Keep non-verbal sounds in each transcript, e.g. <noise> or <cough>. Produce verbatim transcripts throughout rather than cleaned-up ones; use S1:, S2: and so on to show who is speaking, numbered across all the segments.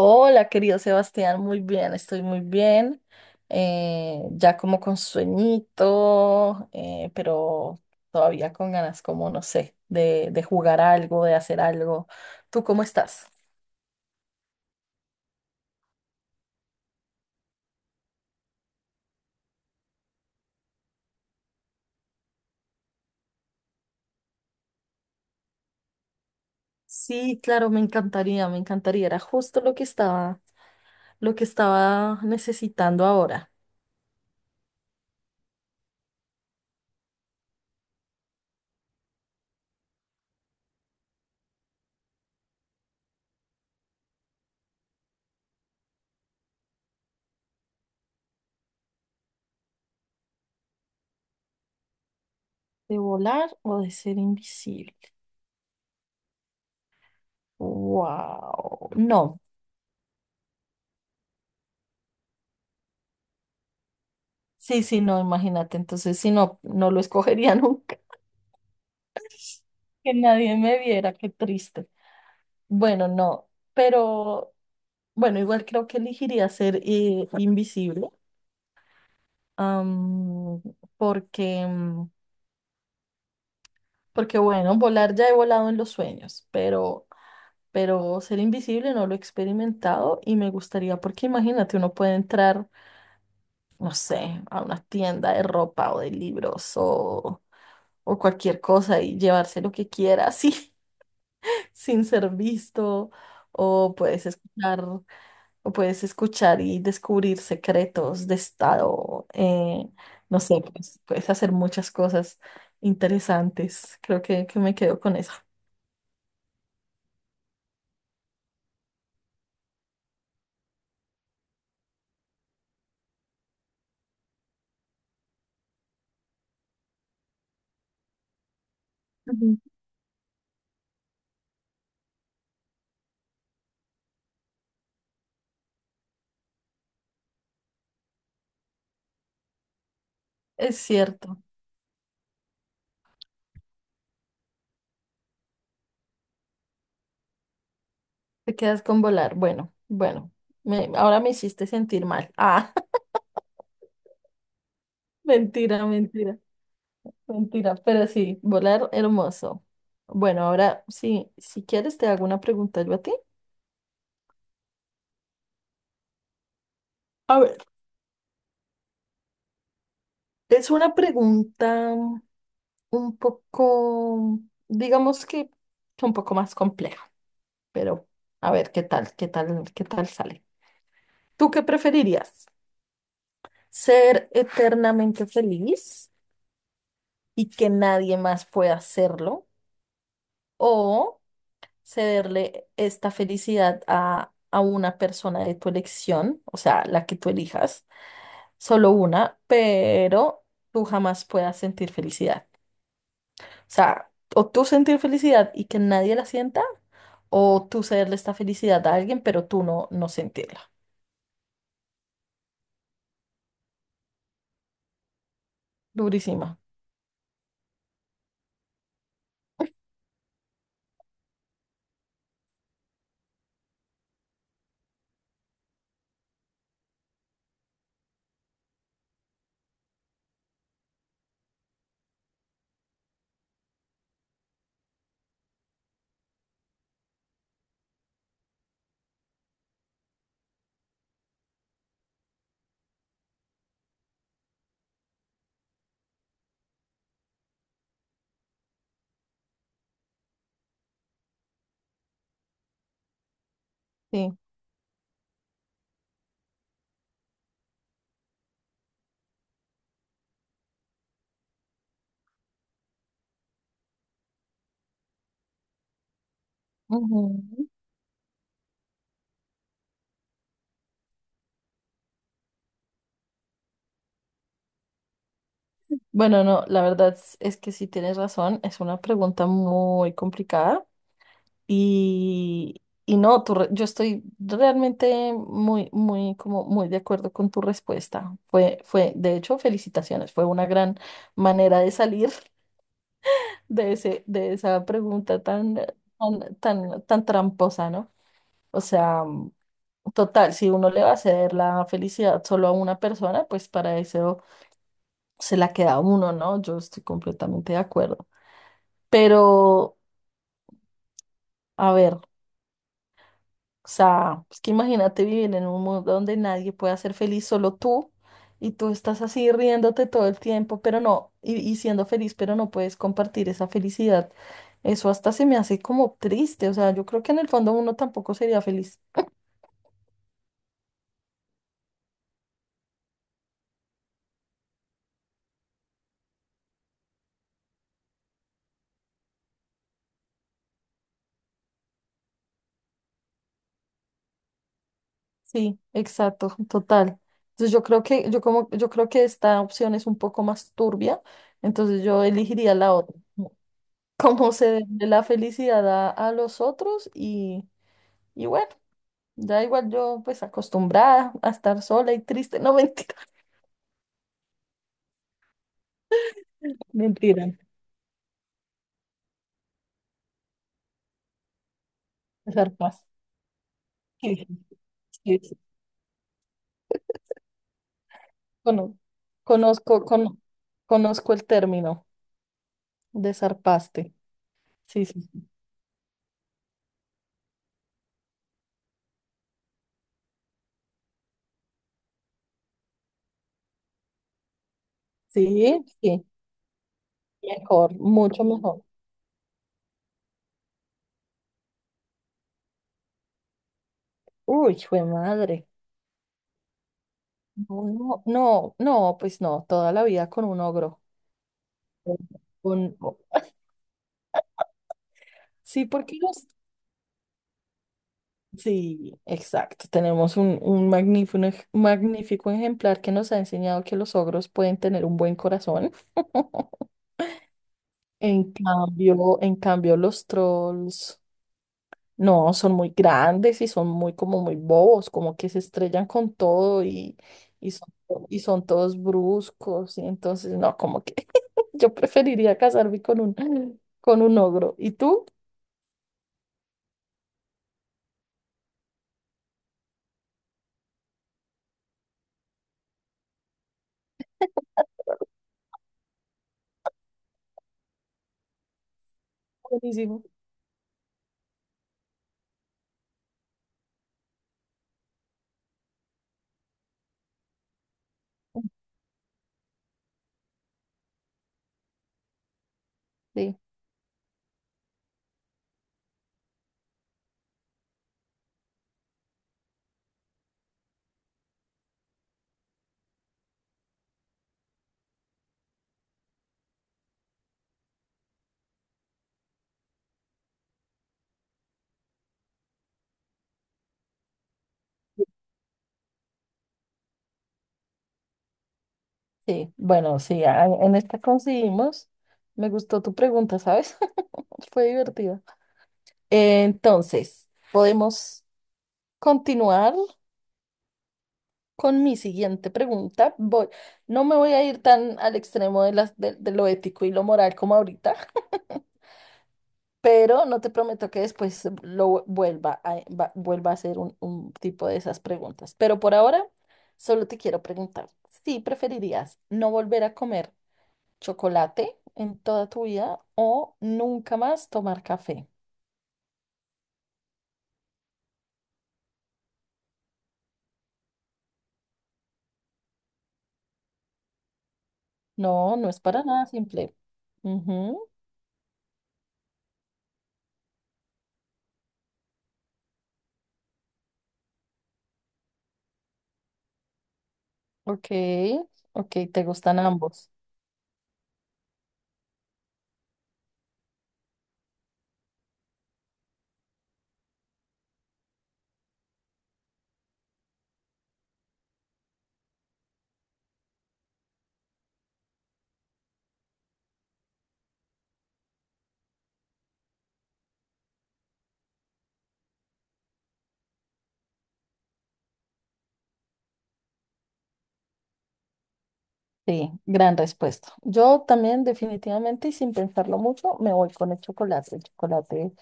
S1: Hola, querido Sebastián, muy bien, estoy muy bien. Eh, ya como con sueñito, eh, pero todavía con ganas, como no sé, de, de jugar algo, de hacer algo. ¿Tú cómo estás? Sí, claro, me encantaría, me encantaría. Era justo lo que estaba, lo que estaba necesitando ahora. ¿De volar o de ser invisible? Wow. No. Sí, sí, no, imagínate. Entonces, si no, no lo escogería <laughs> nunca. Que nadie me viera, qué triste. Bueno, no, pero bueno, igual creo que elegiría ser eh, invisible, am, porque, mm, porque bueno, volar ya he volado en los sueños, pero, pero ser invisible no lo he experimentado y me gustaría, porque imagínate, uno puede entrar, no sé, a una tienda de ropa o de libros o, o cualquier cosa y llevarse lo que quiera, <laughs> así. Sin ser visto, o puedes escuchar, o puedes escuchar y descubrir secretos de estado, eh, no sé, pues, puedes hacer muchas cosas interesantes. Creo que, que me quedo con eso. Ujú. Es cierto, te quedas con volar. Bueno, bueno, me- ahora me hiciste sentir mal. Ah, <laughs> mentira, mentira, mentira, pero sí, volar hermoso. Bueno, ahora sí, si quieres te hago una pregunta yo a ti. A ver. Es una pregunta un poco, digamos que un poco más compleja, pero a ver qué tal, qué tal, qué tal sale. ¿Tú qué preferirías? ¿Ser eternamente feliz y que nadie más pueda hacerlo? ¿O cederle esta felicidad a, a una persona de tu elección, o sea, la que tú elijas, solo una, pero tú jamás puedas sentir felicidad? Sea, o tú sentir felicidad y que nadie la sienta, o tú cederle esta felicidad a alguien, pero tú no, no sentirla. Durísima. Sí. Ujú. Bueno, no, la verdad es, es que sí tienes razón, es una pregunta muy complicada y, y no, tu re- yo estoy realmente muy, muy, como muy de acuerdo con tu respuesta. Fue, fue, de hecho, felicitaciones, fue una gran manera de salir de ese, de esa pregunta tan, tan, tan, tan tramposa, ¿no? O sea, mm, total, si uno le va a ceder la felicidad solo a una persona, pues para eso se la queda a uno, ¿no? Yo estoy completamente de acuerdo. Pero, a ver. O sea, es que imagínate vivir en un mundo donde nadie pueda ser feliz, solo tú, y tú estás así riéndote todo el tiempo, pero no, y, y siendo feliz, pero no puedes compartir esa felicidad. Eso hasta se me hace como triste, o sea, yo creo que en el fondo uno tampoco sería feliz. Sí, exacto, total. Entonces yo creo que, yo como, yo creo que esta opción es un poco más turbia, entonces yo elegiría la otra. Cómo se de la felicidad a, a los otros y, y bueno. Ya igual yo, pues acostumbrada a estar sola y triste. No, mentira. <laughs> Mentira. Estar paz. Sí, sí, sí. Sí. Cono- Conozco, cono- conozco el término, desarpaste. Sí, sí, sí. Sí, sí. Mejor, mucho mejor. Uy, fue madre. No, no, no, no, pues no, toda la vida con un ogro. Con- con- sí, porque los sí, exacto. Tenemos un, un magnífico, un ej- magnífico ejemplar que nos ha enseñado que los ogros pueden tener un buen corazón. <laughs> En cambio, en cambio, los trolls no son muy grandes y son muy como muy bobos, como que se estrellan con todo y, y son, to- y son todos bruscos. Y entonces, no, como que <laughs> yo preferiría casarme con un, con un ogro. ¿Y tú? Buenísimo. Sí. Sí, bueno, sí, a- en esta conseguimos. Me gustó tu pregunta, ¿sabes? <laughs> Fue divertida. Entonces, podemos continuar con mi siguiente pregunta. Voy, no me voy a ir tan al extremo de, las, de, de lo ético y lo moral como ahorita, pero no te prometo que después lo vuelva a, va- vuelva a hacer un, un tipo de esas preguntas. Pero por ahora, solo te quiero preguntar, si preferirías no volver a comer chocolate en toda tu vida o nunca más tomar café. No, no es para nada simple. Ujú, ok, ok, te gustan ambos. Sí, gran respuesta. Yo también definitivamente y sin pensarlo mucho me voy con el chocolate. El chocolate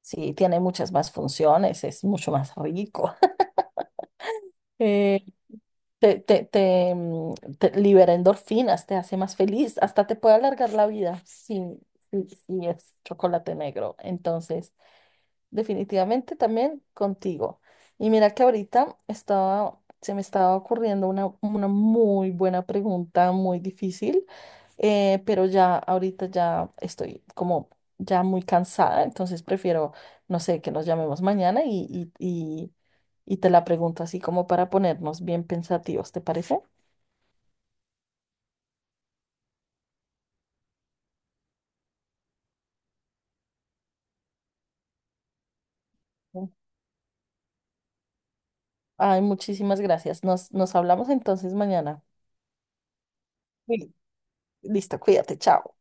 S1: sí tiene muchas más funciones, es mucho más rico. <laughs> Eh, te, te, te, mm, te libera endorfinas, te hace más feliz, hasta te puede alargar la vida si, si, si es chocolate negro. Entonces, definitivamente también contigo. Y mira que ahorita estaba, se me estaba ocurriendo una, una muy buena pregunta, muy difícil, eh, pero ya ahorita ya estoy como ya muy cansada, entonces prefiero, no sé, que nos llamemos mañana y, y, y, y te la pregunto así como para ponernos bien pensativos, ¿te parece? Ay, muchísimas gracias. Nos, nos hablamos entonces mañana. Sí. Listo, cuídate, chao.